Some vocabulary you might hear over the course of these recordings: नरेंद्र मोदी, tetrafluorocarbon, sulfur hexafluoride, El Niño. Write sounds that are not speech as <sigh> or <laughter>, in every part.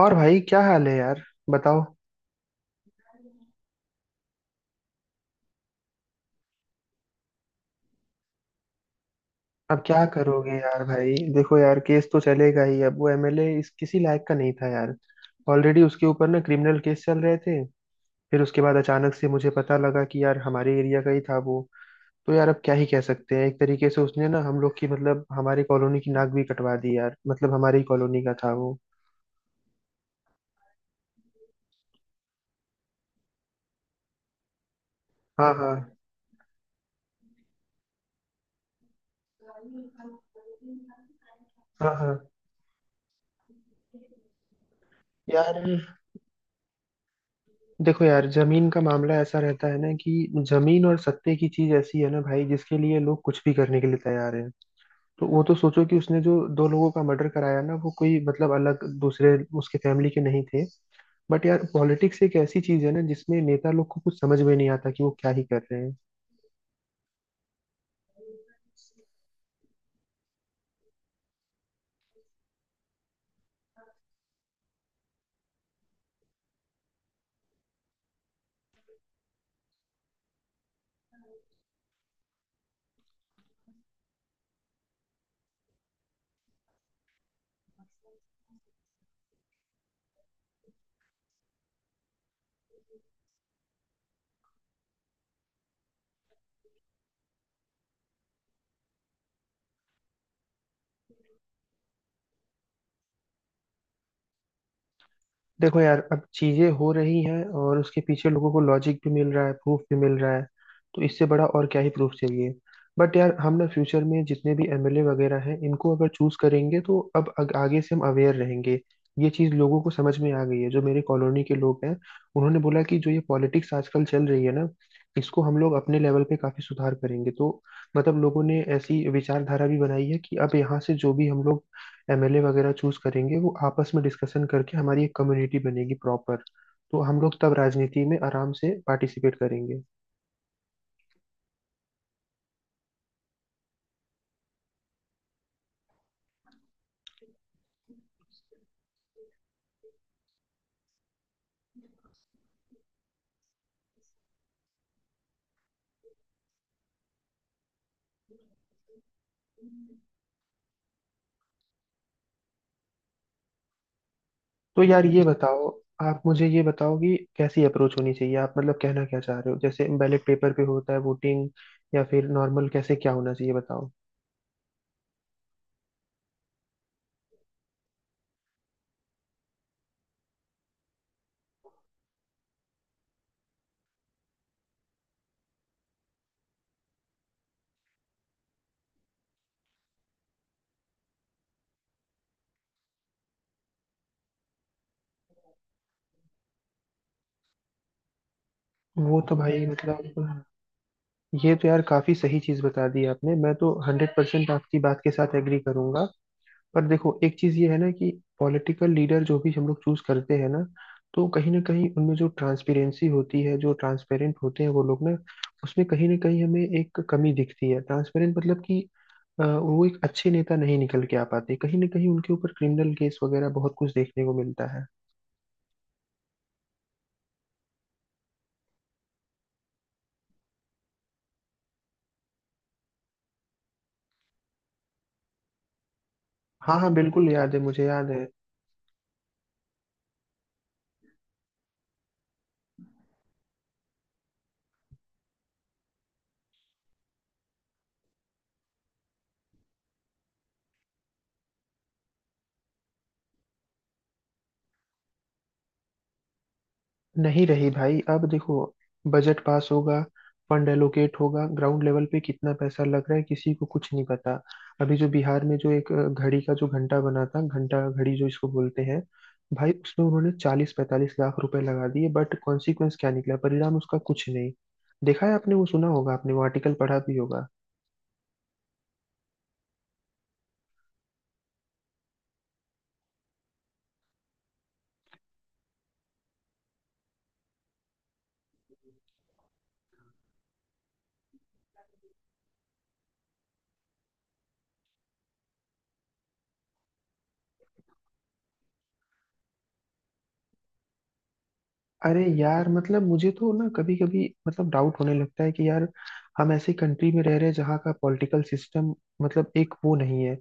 और भाई क्या हाल है यार। बताओ। अब क्या करोगे यार। भाई देखो यार, केस तो चलेगा ही। अब वो एमएलए इस किसी लायक का नहीं था यार। ऑलरेडी उसके ऊपर ना क्रिमिनल केस चल रहे थे। फिर उसके बाद अचानक से मुझे पता लगा कि यार हमारे एरिया का ही था वो। तो यार अब क्या ही कह सकते हैं। एक तरीके से उसने ना हम लोग की मतलब हमारी कॉलोनी की नाक भी कटवा दी यार। मतलब हमारी कॉलोनी का था वो। हाँ हाँ। हाँ हाँ। यार देखो यार, जमीन का मामला ऐसा रहता है ना कि जमीन और सत्ते की चीज ऐसी है ना भाई जिसके लिए लोग कुछ भी करने के लिए तैयार हैं। तो वो तो सोचो कि उसने जो दो लोगों का मर्डर कराया ना, वो कोई मतलब अलग दूसरे उसके फैमिली के नहीं थे। बट यार पॉलिटिक्स एक ऐसी चीज है ना जिसमें नेता लोग को कुछ समझ में नहीं आता कि वो क्या ही कर रहे हैं। देखो यार अब चीजें हो रही हैं और उसके पीछे लोगों को लॉजिक भी मिल रहा है, प्रूफ भी मिल रहा है। तो इससे बड़ा और क्या ही प्रूफ चाहिए। बट यार हम ना फ्यूचर में जितने भी एमएलए वगैरह हैं इनको अगर चूज करेंगे तो अब आगे से हम अवेयर रहेंगे। ये चीज लोगों को समझ में आ गई है जो मेरे कॉलोनी के लोग हैं। उन्होंने बोला कि जो ये पॉलिटिक्स आजकल चल रही है ना, इसको हम लोग अपने लेवल पे काफी सुधार करेंगे। तो मतलब लोगों ने ऐसी विचारधारा भी बनाई है कि अब यहाँ से जो भी हम लोग एमएलए वगैरह चूज करेंगे वो आपस में डिस्कशन करके हमारी एक कम्युनिटी बनेगी प्रॉपर। तो हम लोग तब राजनीति में आराम से पार्टिसिपेट करेंगे। तो यार ये बताओ, आप मुझे ये बताओ कि कैसी अप्रोच होनी चाहिए। आप मतलब कहना क्या चाह रहे हो, जैसे बैलेट पेपर पे होता है वोटिंग, या फिर नॉर्मल कैसे क्या होना चाहिए बताओ। वो तो भाई मतलब ये तो यार काफी सही चीज बता दी आपने। मैं तो 100% आपकी बात के साथ एग्री करूंगा। पर देखो एक चीज ये है ना कि पॉलिटिकल लीडर जो भी हम लोग चूज करते हैं ना, तो कहीं ना कहीं उनमें जो ट्रांसपेरेंसी होती है, जो ट्रांसपेरेंट होते हैं वो लोग ना, उसमें कहीं ना कहीं हमें एक कमी दिखती है। ट्रांसपेरेंट मतलब कि वो एक अच्छे नेता नहीं निकल के आ पाते। कहीं ना कहीं उनके ऊपर क्रिमिनल केस वगैरह बहुत कुछ देखने को मिलता है। हाँ हाँ, बिल्कुल याद है, मुझे याद है। नहीं रही भाई। अब देखो बजट पास होगा, फंड एलोकेट होगा, ग्राउंड लेवल पे कितना पैसा लग रहा है किसी को कुछ नहीं पता। अभी जो बिहार में जो एक घड़ी का जो घंटा बना था, घंटा घड़ी जो इसको बोलते हैं, भाई उसमें उन्होंने 40-45 लाख रुपए लगा दिए। बट कॉन्सिक्वेंस क्या निकला, परिणाम उसका कुछ नहीं। देखा है आपने, वो सुना होगा आपने, वो आर्टिकल पढ़ा भी होगा। अरे यार मतलब मुझे तो ना कभी कभी मतलब डाउट होने लगता है कि यार हम ऐसी कंट्री में रह रहे हैं जहाँ का पॉलिटिकल सिस्टम मतलब एक वो नहीं है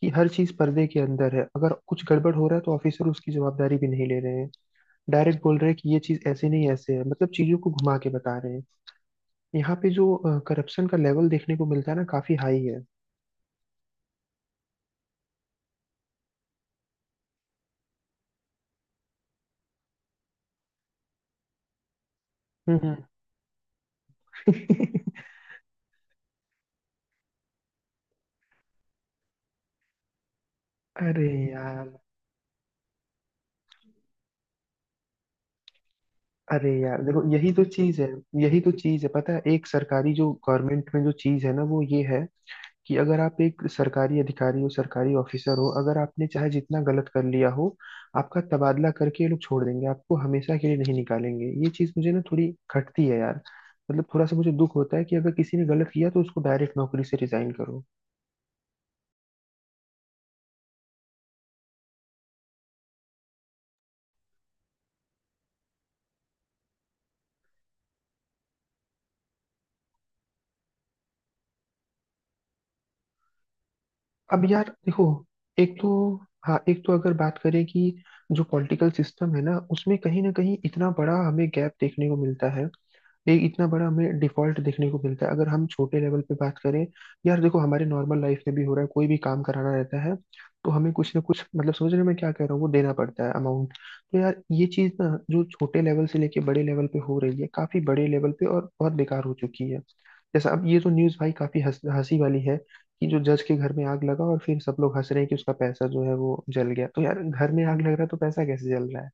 कि हर चीज पर्दे के अंदर है। अगर कुछ गड़बड़ हो रहा है तो ऑफिसर उसकी जवाबदारी भी नहीं ले रहे हैं। डायरेक्ट बोल रहे हैं कि ये चीज ऐसे नहीं ऐसे है, मतलब चीजों को घुमा के बता रहे हैं। यहाँ पे जो करप्शन का लेवल देखने को मिलता है ना, काफी हाई है। हम्म। हम्म। <laughs> अरे यार। अरे यार देखो यही तो चीज है। यही तो चीज है, पता है, एक सरकारी जो गवर्नमेंट में जो चीज है ना वो ये है कि अगर आप एक सरकारी अधिकारी हो, सरकारी ऑफिसर हो, अगर आपने चाहे जितना गलत कर लिया हो आपका तबादला करके ये लोग छोड़ देंगे, आपको हमेशा के लिए नहीं निकालेंगे। ये चीज मुझे ना थोड़ी खटती है यार। मतलब थोड़ा सा मुझे दुख होता है कि अगर किसी ने गलत किया तो उसको डायरेक्ट नौकरी से रिजाइन करो। अब यार देखो, एक तो, हाँ एक तो अगर बात करें कि जो पॉलिटिकल सिस्टम है ना उसमें कहीं ना कहीं इतना बड़ा हमें गैप देखने को मिलता है। एक इतना बड़ा हमें डिफॉल्ट देखने को मिलता है अगर हम छोटे लेवल पे बात करें। यार देखो हमारे नॉर्मल लाइफ में भी हो रहा है। कोई भी काम कराना रहता है तो हमें कुछ ना कुछ मतलब, समझ रहे हो मैं क्या कह रहा हूँ, वो देना पड़ता है अमाउंट। तो यार ये चीज़ ना जो छोटे लेवल से लेके बड़े लेवल पे हो रही है, काफी बड़े लेवल पे, और बहुत बेकार हो चुकी है। जैसा अब ये तो न्यूज़ भाई काफी हंस हंसी वाली है कि जो जज के घर में आग लगा और फिर सब लोग हंस रहे हैं कि उसका पैसा जो है वो जल गया। तो यार घर में आग लग रहा है तो पैसा कैसे जल रहा है।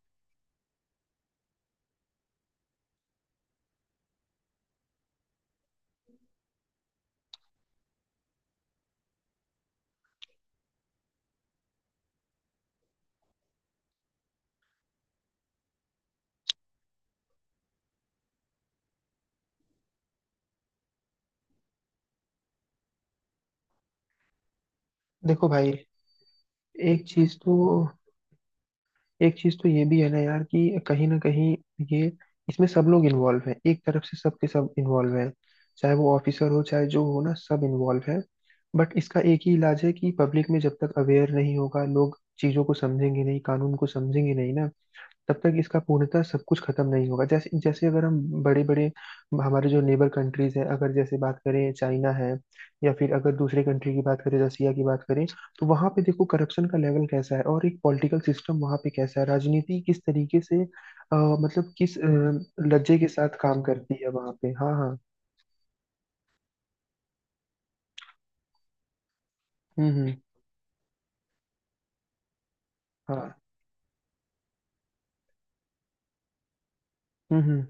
देखो भाई एक चीज तो, एक चीज तो ये भी है ना यार कि कहीं ना कहीं ये, इसमें सब लोग इन्वॉल्व हैं, एक तरफ से सब के सब इन्वॉल्व हैं। चाहे वो ऑफिसर हो चाहे जो हो ना, सब इन्वॉल्व है। बट इसका एक ही इलाज है कि पब्लिक में जब तक अवेयर नहीं होगा, लोग चीजों को समझेंगे नहीं, कानून को समझेंगे नहीं ना, तब तक इसका पूर्णतः सब कुछ खत्म नहीं होगा। जैसे जैसे अगर हम बड़े बड़े, हमारे जो नेबर कंट्रीज हैं अगर जैसे बात करें, चाइना है, या फिर अगर दूसरे कंट्री की बात करें, रसिया की बात करें, तो वहां पे देखो करप्शन का लेवल कैसा है और एक पॉलिटिकल सिस्टम वहां पे कैसा है, राजनीति किस तरीके से मतलब किस लज्जे के साथ काम करती है वहां पे। हाँ हाँ। हम्म। हाँ। हम्म।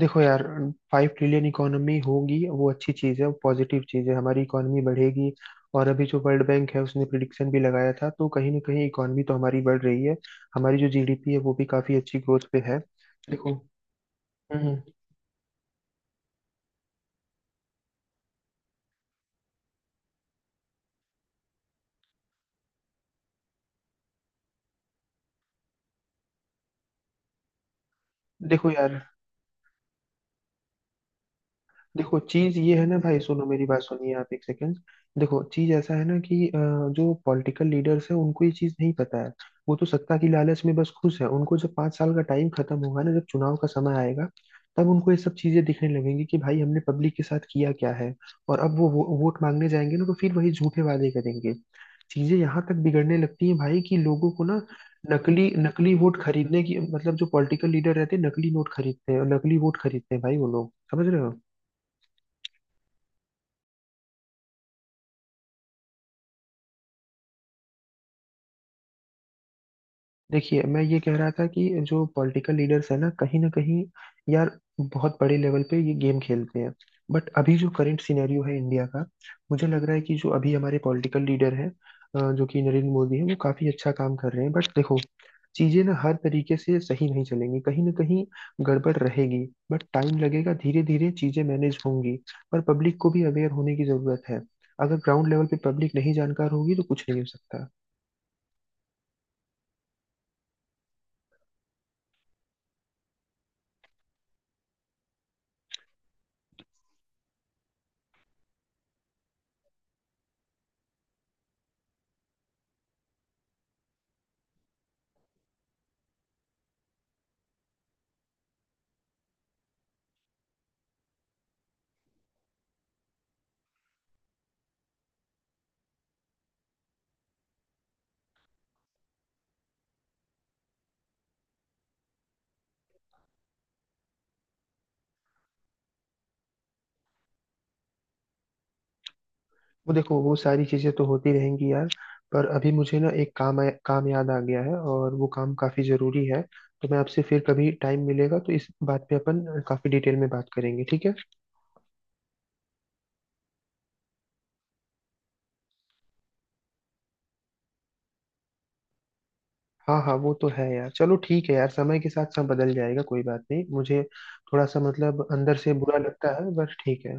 देखो यार 5 ट्रिलियन इकोनॉमी होगी वो अच्छी चीज है, वो पॉजिटिव चीज है, हमारी इकोनॉमी बढ़ेगी। और अभी जो वर्ल्ड बैंक है उसने प्रिडिक्शन भी लगाया था, तो कहीं ना कहीं इकोनॉमी तो हमारी बढ़ रही है। हमारी जो जीडीपी है वो भी काफी अच्छी ग्रोथ पे है। देखो। हम्म। देखो यार। देखो चीज ये है ना भाई, सुनो मेरी बात, सुनिए आप एक सेकंड। देखो चीज ऐसा है ना कि जो पॉलिटिकल लीडर्स हैं उनको ये चीज नहीं पता है। वो तो सत्ता की लालच में बस खुश है। उनको जब 5 साल का टाइम खत्म होगा ना, जब चुनाव का समय आएगा तब उनको ये सब चीजें दिखने लगेंगी कि भाई हमने पब्लिक के साथ किया क्या है। और अब वो वोट मांगने जाएंगे ना तो फिर वही झूठे वादे करेंगे। चीजें यहाँ तक बिगड़ने लगती हैं भाई कि लोगों को ना नकली नकली वोट खरीदने की, मतलब जो पॉलिटिकल लीडर रहते हैं नकली नोट खरीदते हैं और नकली वोट खरीदते हैं भाई, वो लोग, समझ रहे हो। देखिए मैं ये कह रहा था कि जो पॉलिटिकल लीडर्स है ना कहीं यार बहुत बड़े लेवल पे ये गेम खेलते हैं। बट अभी जो करंट सिनेरियो है इंडिया का, मुझे लग रहा है कि जो अभी हमारे पॉलिटिकल लीडर हैं जो कि नरेंद्र मोदी हैं, वो काफी अच्छा काम कर रहे हैं। बट देखो चीजें ना हर तरीके से सही नहीं चलेंगी, कहीं ना कहीं गड़बड़ रहेगी। बट टाइम लगेगा, धीरे धीरे चीजें मैनेज होंगी। पर पब्लिक को भी अवेयर होने की जरूरत है। अगर ग्राउंड लेवल पे पब्लिक नहीं जानकार होगी तो कुछ नहीं हो सकता। वो देखो वो सारी चीजें तो होती रहेंगी यार, पर अभी मुझे ना एक काम याद आ गया है और वो काम काफी जरूरी है। तो मैं आपसे फिर कभी टाइम मिलेगा तो इस बात पे अपन काफी डिटेल में बात करेंगे, ठीक है। हाँ हाँ, वो तो है यार। चलो ठीक है यार, समय के साथ सब बदल जाएगा, कोई बात नहीं। मुझे थोड़ा सा मतलब अंदर से बुरा लगता है बस, ठीक है।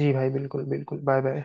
जी भाई बिल्कुल बिल्कुल बाय बाय।